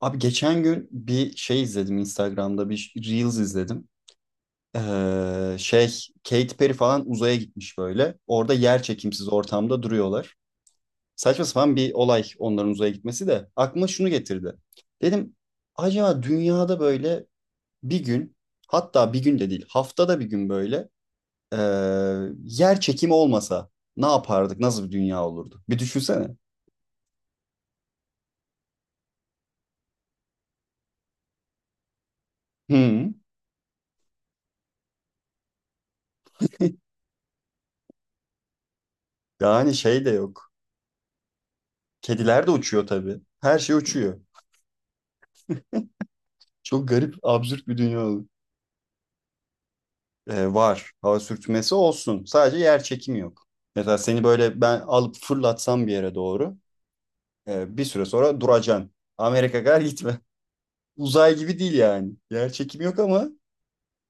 Abi geçen gün bir şey izledim Instagram'da bir Reels izledim. Ee, şey Katy Perry falan uzaya gitmiş böyle. Orada yer çekimsiz ortamda duruyorlar. Saçma sapan bir olay onların uzaya gitmesi de aklıma şunu getirdi. Dedim acaba dünyada böyle bir gün hatta bir gün de değil haftada bir gün böyle ee, yer çekimi olmasa ne yapardık? Nasıl bir dünya olurdu? Bir düşünsene. Hı. Yani şey de yok. Kediler de uçuyor tabii. Her şey uçuyor. Çok garip, absürt bir dünya oldu. Var. Hava sürtünmesi olsun. Sadece yer çekimi yok. Mesela seni böyle ben alıp fırlatsam bir yere doğru bir süre sonra duracaksın. Amerika kadar gitme. Uzay gibi değil yani. Yer çekimi yok ama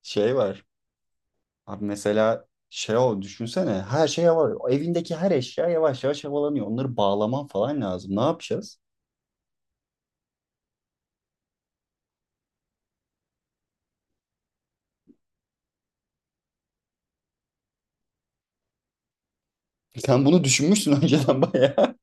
şey var. Abi mesela şey o düşünsene her şey var. Evindeki her eşya yavaş yavaş havalanıyor. Onları bağlaman falan lazım. Ne yapacağız? Sen bunu düşünmüşsün önceden bayağı.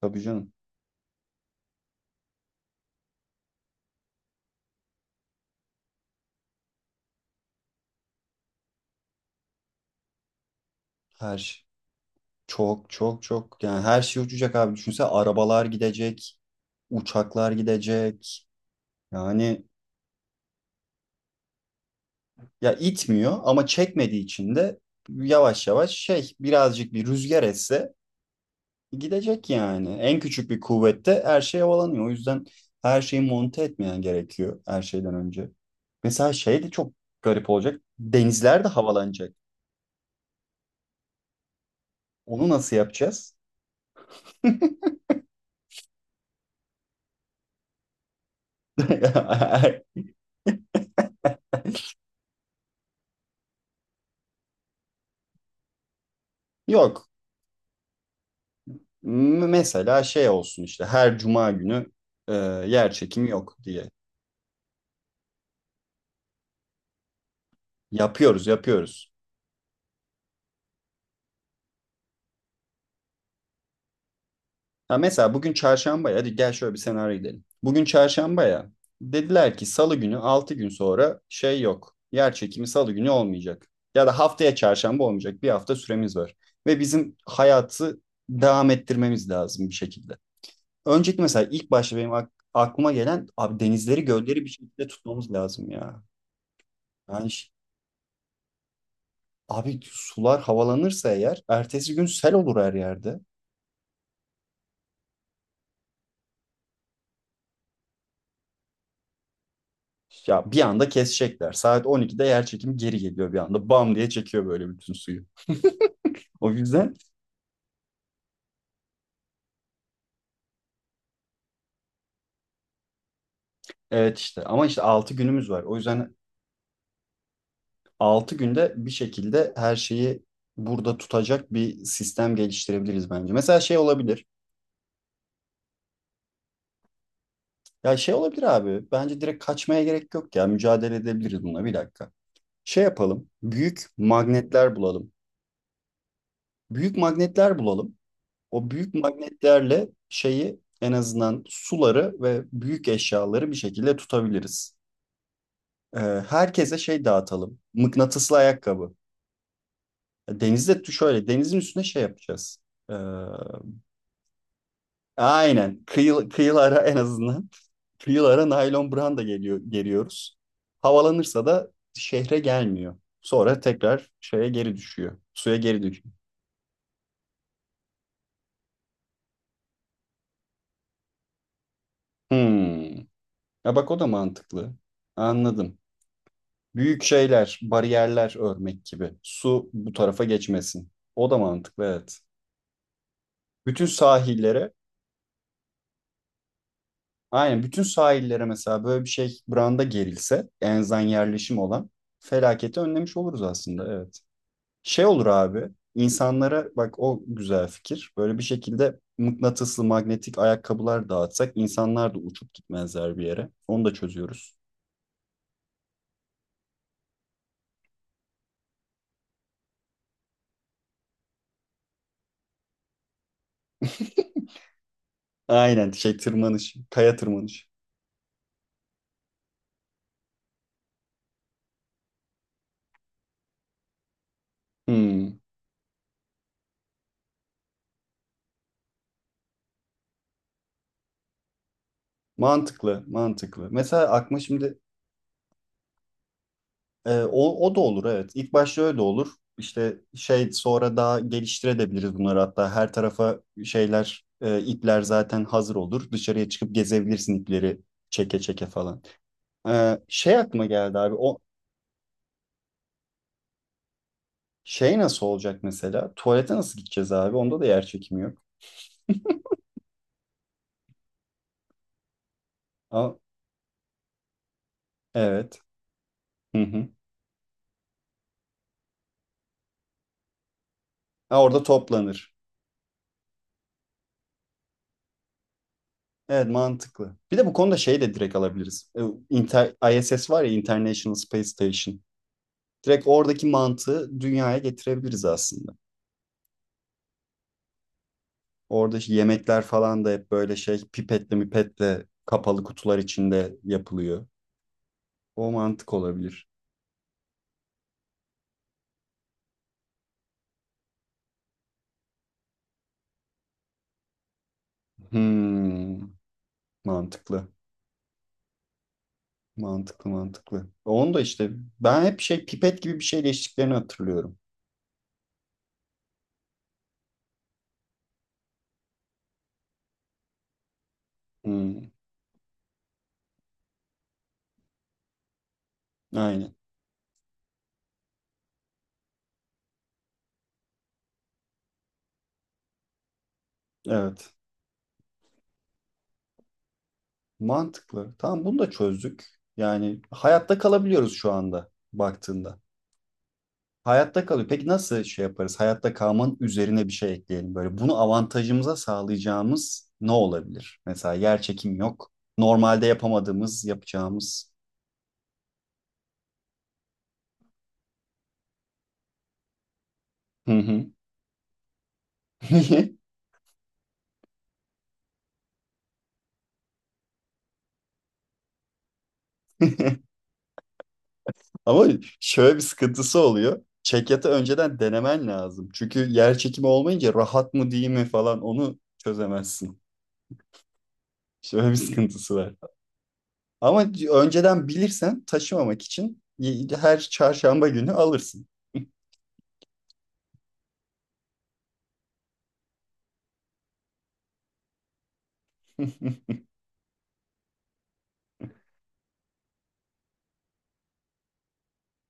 Tabii canım. Her şey. Çok çok çok yani her şey uçacak abi. Düşünsene arabalar gidecek, uçaklar gidecek. Yani ya itmiyor ama çekmediği için de yavaş yavaş şey birazcık bir rüzgar esse gidecek yani. En küçük bir kuvvette her şey havalanıyor. O yüzden her şeyi monte etmeyen gerekiyor her şeyden önce. Mesela şey de çok garip olacak. Denizler de havalanacak. Onu nasıl yapacağız? Yok. Mesela şey olsun işte her cuma günü e, yer çekimi yok diye. Yapıyoruz, yapıyoruz. Ha mesela bugün çarşamba ya. Hadi gel şöyle bir senaryo gidelim. Bugün çarşamba ya. Dediler ki salı günü 6 gün sonra şey yok. Yer çekimi salı günü olmayacak. Ya da haftaya çarşamba olmayacak. Bir hafta süremiz var. Ve bizim hayatı devam ettirmemiz lazım bir şekilde. Önceki mesela ilk başta benim aklıma gelen abi denizleri, gölleri bir şekilde tutmamız lazım ya. Yani abi sular havalanırsa eğer ertesi gün sel olur her yerde. Ya bir anda kesecekler. Saat 12'de yer çekimi geri geliyor bir anda. Bam diye çekiyor böyle bütün suyu. O yüzden evet işte ama işte 6 günümüz var. O yüzden 6 günde bir şekilde her şeyi burada tutacak bir sistem geliştirebiliriz bence. Mesela şey olabilir. Ya şey olabilir abi. Bence direkt kaçmaya gerek yok ya. Mücadele edebiliriz bununla bir dakika. Şey yapalım. Büyük magnetler bulalım. Büyük magnetler bulalım. O büyük magnetlerle şeyi en azından suları ve büyük eşyaları bir şekilde tutabiliriz. Ee, Herkese şey dağıtalım. Mıknatıslı ayakkabı. Denizde şöyle denizin üstüne şey yapacağız. Ee, aynen kıyılara en azından kıyılara naylon branda geliyoruz. Havalanırsa da şehre gelmiyor. Sonra tekrar şeye geri düşüyor. Suya geri düşüyor. Hmm. Ya bak o da mantıklı. Anladım. Büyük şeyler, bariyerler örmek gibi. Su bu tarafa geçmesin. O da mantıklı evet. Bütün sahillere, aynen bütün sahillere mesela böyle bir şey branda gerilse, enzan yerleşim olan felaketi önlemiş oluruz aslında evet. Şey olur abi, insanlara bak o güzel fikir. Böyle bir şekilde mıknatıslı magnetik ayakkabılar dağıtsak insanlar da uçup gitmezler bir yere. Onu da çözüyoruz. Aynen şey tırmanış, kaya tırmanış. Hmm. Mantıklı, mantıklı. Mesela aklıma şimdi O da olur evet. İlk başta öyle olur. İşte şey sonra daha geliştirebiliriz bunları hatta her tarafa şeyler ipler zaten hazır olur. Dışarıya çıkıp gezebilirsin ipleri çeke çeke falan. Şey aklıma geldi abi o şey nasıl olacak mesela? Tuvalete nasıl gideceğiz abi? Onda da yer çekimi yok. Aa, evet. Hı hı. Ha, orada toplanır. Evet mantıklı. Bir de bu konuda şey de direkt alabiliriz. ISS var ya International Space Station. Direkt oradaki mantığı dünyaya getirebiliriz aslında. Orada işte yemekler falan da hep böyle şey pipetle mipetle kapalı kutular içinde yapılıyor. O mantık olabilir. Hmm, Mantıklı. Mantıklı mantıklı. Onu da işte ben hep şey pipet gibi bir şeyle içtiklerini hatırlıyorum. Hmm, aynen. Evet. Mantıklı. Tamam bunu da çözdük. Yani hayatta kalabiliyoruz şu anda baktığında. Hayatta kalıyor. Peki nasıl şey yaparız? Hayatta kalmanın üzerine bir şey ekleyelim. Böyle bunu avantajımıza sağlayacağımız ne olabilir? Mesela yer çekim yok. Normalde yapamadığımız, yapacağımız. Hı hı. Ama şöyle bir sıkıntısı oluyor. Çekyatı önceden denemen lazım. Çünkü yer çekimi olmayınca rahat mı değil mi falan onu çözemezsin. Şöyle bir sıkıntısı var. Ama önceden bilirsen taşımamak için her çarşamba günü alırsın.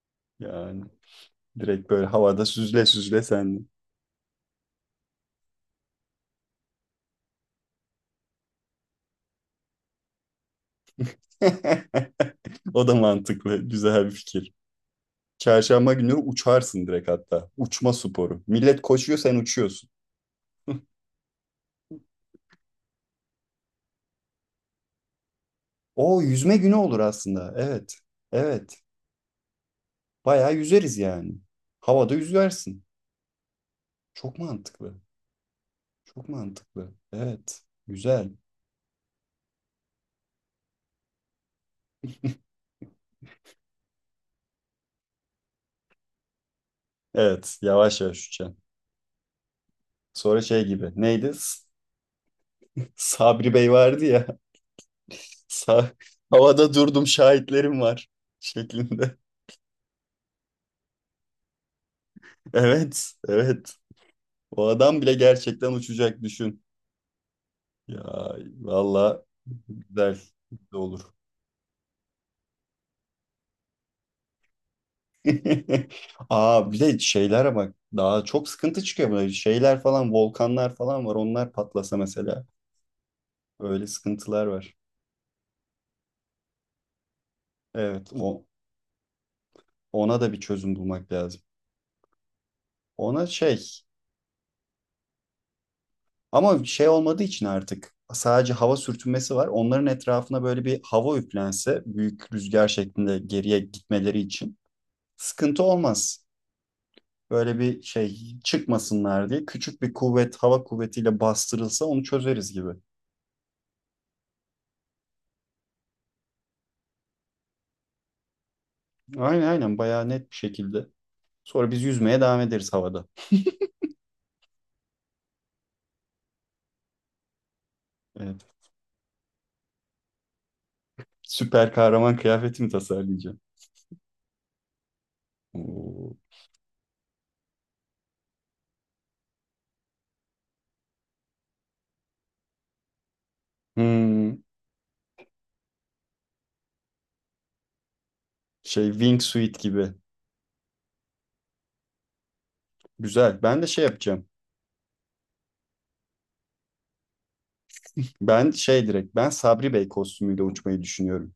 Yani. Direkt böyle havada süzle süzle sendin. O da mantıklı. Güzel bir fikir. Çarşamba günü uçarsın direkt hatta. Uçma sporu. Millet koşuyor sen uçuyorsun. O yüzme günü olur aslında. Evet. Evet. Bayağı yüzeriz yani. Havada yüzersin. Çok mantıklı. Çok mantıklı. Evet. Güzel. Evet. Yavaş yavaş uçacaksın. Sonra şey gibi. Neydi? Sabri Bey vardı ya. Sa- Havada durdum şahitlerim var şeklinde. Evet, evet. O adam bile gerçekten uçacak düşün. Ya valla güzel, güzel olur. Aa bir de şeyler bak daha çok sıkıntı çıkıyor böyle şeyler falan volkanlar falan var onlar patlasa mesela öyle sıkıntılar var. Evet ona da bir çözüm bulmak lazım. Ona şey ama şey olmadığı için artık sadece hava sürtünmesi var. Onların etrafına böyle bir hava üflense büyük rüzgar şeklinde geriye gitmeleri için sıkıntı olmaz. Böyle bir şey çıkmasınlar diye küçük bir kuvvet hava kuvvetiyle bastırılsa onu çözeriz gibi. Aynen aynen bayağı net bir şekilde. Sonra biz yüzmeye devam ederiz havada. Evet. Süper kahraman kıyafetimi tasarlayacağım. Oo. Hmm. Şey wingsuit gibi. Güzel. Ben de şey yapacağım. Ben direkt Sabri Bey kostümüyle uçmayı düşünüyorum.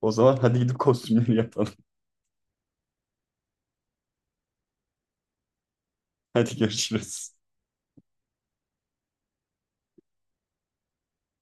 O zaman hadi gidip kostümleri yapalım. Hadi görüşürüz.